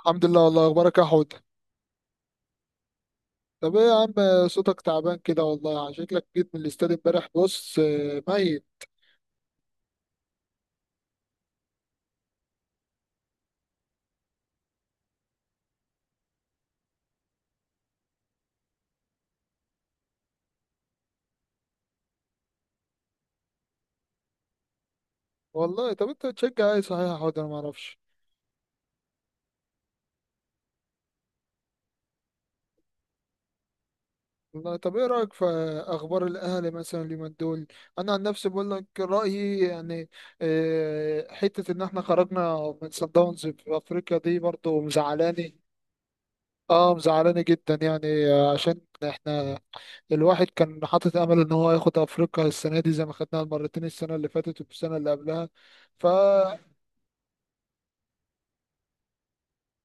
الحمد لله، والله. اخبارك يا حوت؟ طب ايه يا عم؟ صوتك تعبان كده والله، يعني شكلك جيت من الاستاد امبارح. بص، ميت. والله، طب انت بتشجع ايه صحيح يا حوت؟ انا ما اعرفش. والله، طب ايه رايك في اخبار الاهلي مثلا اليومين دول؟ انا عن نفسي بقول لك رايي يعني. حته ان احنا خرجنا من صن داونز في افريقيا دي برضه مزعلاني. اه، مزعلاني جدا يعني. عشان احنا، الواحد كان حاطط امل ان هو ياخد افريقيا السنه دي زي ما خدناها مرتين السنه اللي فاتت والسنه اللي قبلها. فا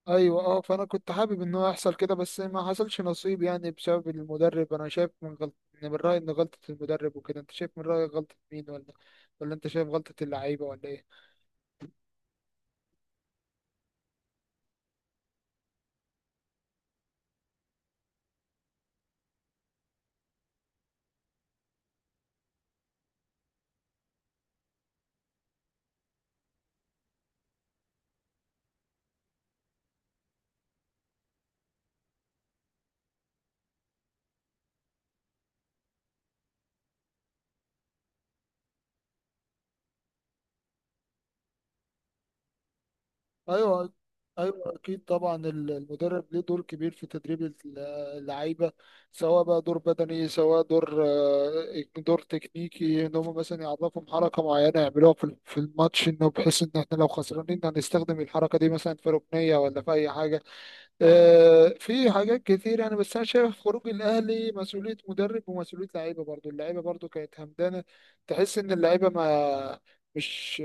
ايوه اه، فانا كنت حابب ان هو يحصل كده، بس ما حصلش نصيب يعني بسبب المدرب. انا شايف من غلط، من رايي ان غلطه المدرب وكده. انت شايف من رايك غلطه مين؟ ولا انت شايف غلطه اللعيبه؟ ولا ايه؟ ايوه، ايوه اكيد طبعا. المدرب ليه دور كبير في تدريب اللعيبه، سواء بقى دور بدني، سواء دور تكنيكي، ان هم مثلا يعرفهم حركه معينه يعملوها في الماتش، انه بحيث ان احنا لو خسرانين هنستخدم الحركه دي مثلا في ركنيه ولا في اي حاجه. في حاجات كتير يعني. بس انا شايف خروج الاهلي مسؤوليه مدرب ومسؤوليه لعيبه برضو، اللعيبه برضو كانت همدانه. تحس ان اللعيبه مش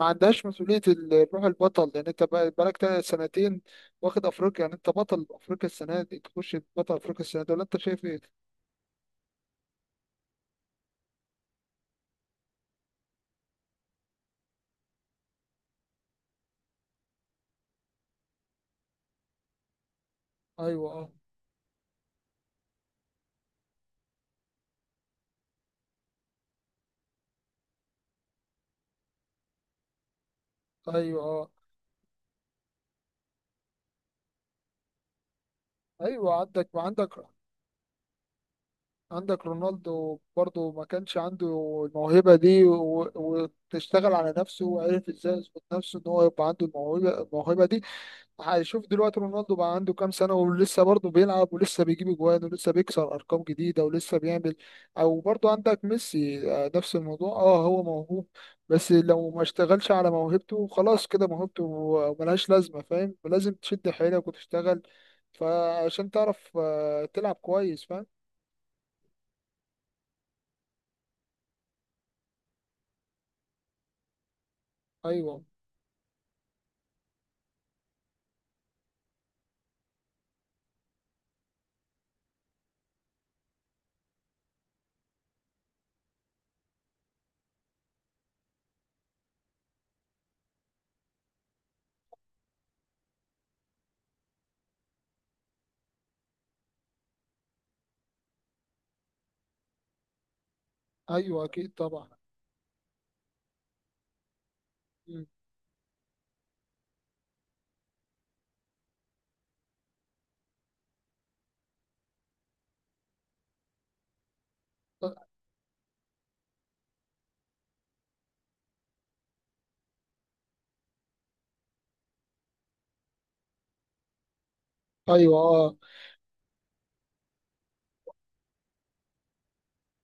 ما عندهاش مسؤولية روح البطل، لأن أنت بقالك سنتين واخد أفريقيا. يعني أنت بطل أفريقيا السنة دي، تخش بطل أفريقيا السنة دي؟ ولا أنت شايف إيه؟ أيوه أه. أيوه أه. أيوه. عندك رونالدو برضه ما كانش عنده الموهبة دي، و- وتشتغل على نفسه وعرف إزاي يظبط نفسه إن هو يبقى عنده الموهبة دي. هشوف دلوقتي رونالدو بقى عنده كام سنة ولسه برضه بيلعب، ولسه بيجيب اجوان، ولسه بيكسر ارقام جديدة، ولسه بيعمل. او برضه عندك ميسي، نفس الموضوع. اه هو موهوب، بس لو ما اشتغلش على موهبته خلاص كده موهبته ملهاش لازمة. فاهم؟ لازم تشد حيلك وتشتغل فعشان تعرف تلعب كويس. فاهم؟ ايوه، ايوه اكيد طبعا. مم. ايوه اه.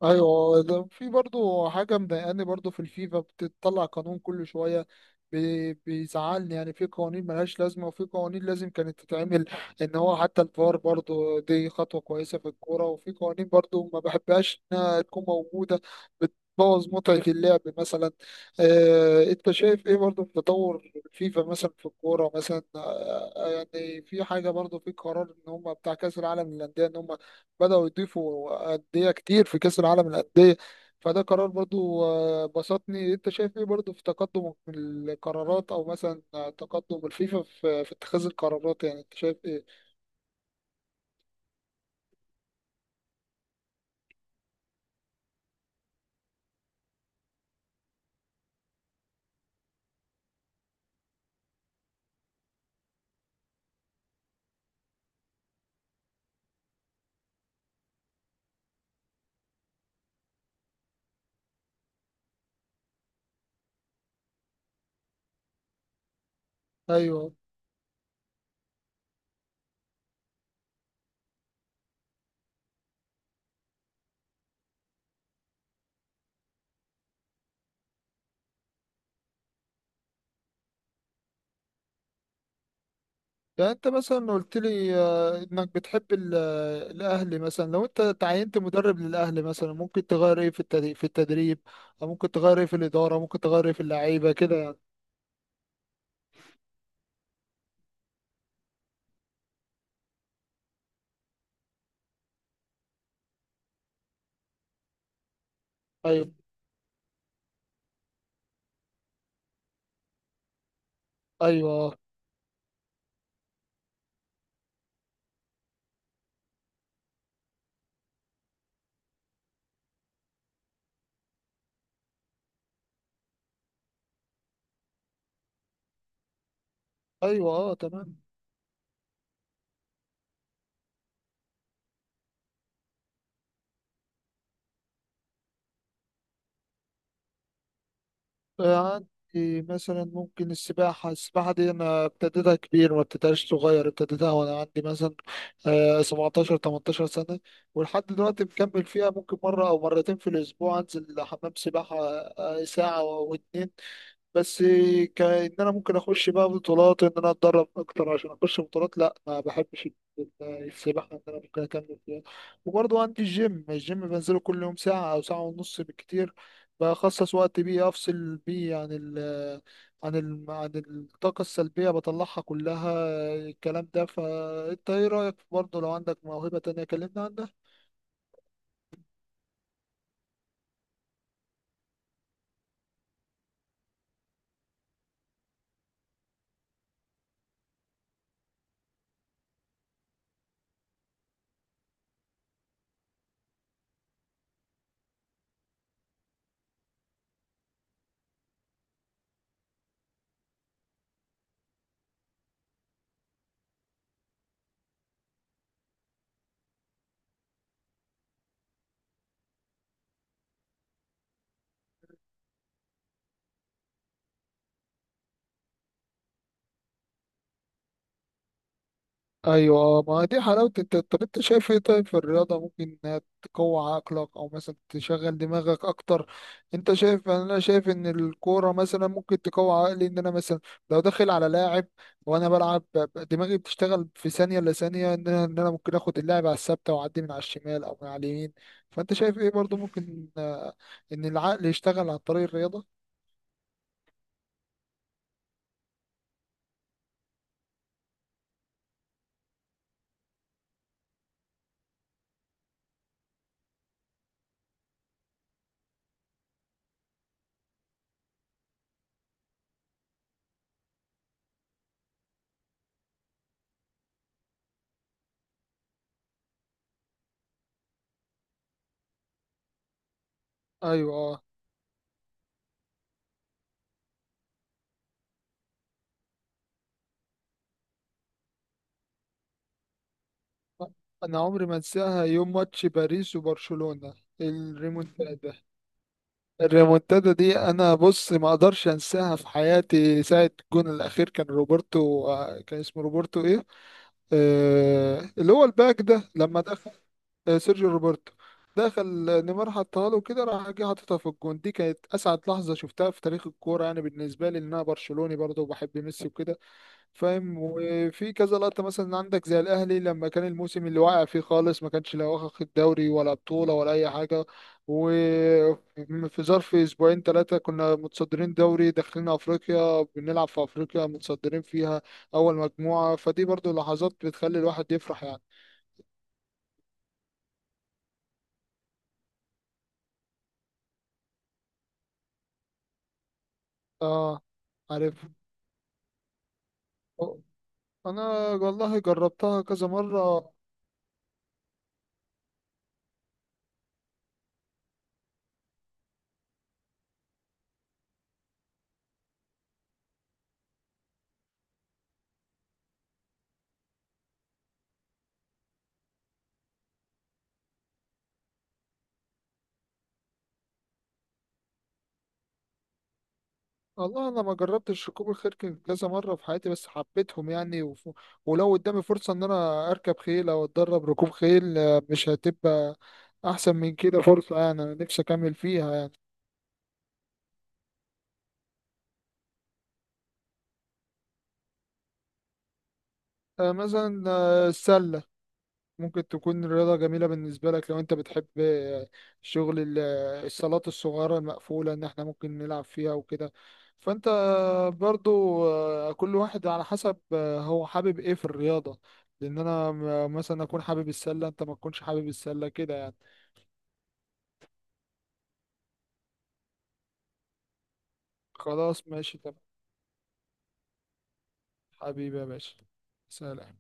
ايوه، ده في برضو حاجه مضايقاني برضو، في الفيفا بتطلع قانون كل شويه. بيزعلني يعني، في قوانين ملهاش لازمه، وفي قوانين لازم كانت تتعمل. ان هو حتى الفار برضو دي خطوه كويسه في الكوره، وفي قوانين برضو ما بحبهاش انها تكون موجوده، بتبوظ متعه اللعب مثلا. انت شايف ايه برضو في تطور الفيفا مثلا في الكوره مثلا؟ يعني في حاجه برضو في قرار ان هم بتاع كاس العالم للانديه، ان هم بدأوا يضيفوا أندية كتير في كأس العالم للأندية. فده قرار برضو بسطني. انت شايف ايه برضو في تقدم القرارات، او مثلا تقدم الفيفا في اتخاذ القرارات؟ يعني انت شايف ايه؟ ايوه. يعني انت مثلا قلت لي انك بتحب الاهلي مثلا. لو انت تعينت مدرب للاهلي مثلا، ممكن تغير ايه في التدريب، او ممكن تغير ايه في الاداره، ممكن تغير ايه في اللعيبه كده يعني؟ ايوه. ايوه. ايوه اه تمام. عندي مثلا ممكن السباحة دي أنا ابتديتها كبير، ما ابتديتهاش صغير. ابتديتها وأنا عندي مثلا 17 18 سنة، ولحد دلوقتي مكمل فيها. ممكن مرة أو مرتين في الأسبوع أنزل حمام سباحة ساعة واتنين بس. كأن انا ممكن اخش بقى بطولات، ان انا اتدرب اكتر عشان اخش بطولات، لا ما بحبش السباحه ان انا ممكن اكمل فيها. وبرضه عندي الجيم بنزله كل يوم ساعه او ساعه ونص بالكتير، بخصص وقت بيه افصل بيه عن ال، عن الطاقه السلبيه بطلعها كلها. الكلام ده، فانت ايه رايك برضه لو عندك موهبه تانية؟ كلمنا عنها. ايوه، ما دي حلاوه. طب انت شايف ايه طيب في الرياضه، ممكن انها تقوي عقلك او مثلا تشغل دماغك اكتر؟ انت شايف؟ انا شايف ان الكوره مثلا ممكن تقوي عقلي، ان انا مثلا لو داخل على لاعب وانا بلعب، دماغي بتشتغل في ثانيه الا ثانيه، ان انا ممكن اخد اللاعب على الثابته واعدي من على الشمال او من على اليمين. فانت شايف ايه برضو؟ ممكن ان العقل يشتغل عن طريق الرياضه؟ ايوه. انا عمري ما انساها، يوم ماتش باريس وبرشلونه، الريمونتادا. الريمونتادا دي، انا بص ما اقدرش انساها في حياتي. ساعه الجون الاخير، كان روبرتو، كان اسمه روبرتو ايه، آه اللي هو الباك ده لما دخل، آه سيرجيو روبرتو. دخل، نيمار حطها له كده، راح جه حاططها في الجون. دي كانت اسعد لحظه شفتها في تاريخ الكوره يعني، بالنسبه لي ان انا برشلوني برضه وبحب ميسي وكده. فاهم؟ وفي كذا لقطة مثلا عندك، زي الأهلي لما كان الموسم اللي واقع فيه خالص، ما كانش لا واخد دوري ولا بطولة ولا أي حاجة، وفي ظرف أسبوعين ثلاثة كنا متصدرين دوري، داخلين أفريقيا بنلعب في أفريقيا متصدرين فيها أول مجموعة. فدي برضو لحظات بتخلي الواحد يفرح يعني. آه عارف. أنا والله جربتها كذا مرة. والله انا ما جربتش ركوب الخيل كذا مره في حياتي، بس حبيتهم يعني. ولو قدامي فرصه ان انا اركب خيل او اتدرب ركوب خيل، مش هتبقى احسن من كده فرصه يعني. انا نفسي اكمل فيها يعني. مثلا السله ممكن تكون رياضة جميلة بالنسبة لك، لو انت بتحب شغل الصالات الصغيرة المقفولة، ان احنا ممكن نلعب فيها وكده. فانت برضو، كل واحد على حسب هو حابب ايه في الرياضة. لان انا مثلا اكون حابب السلة، انت ما تكونش حابب السلة كده يعني. خلاص، ماشي تمام. حبيبي يا باشا، سلام.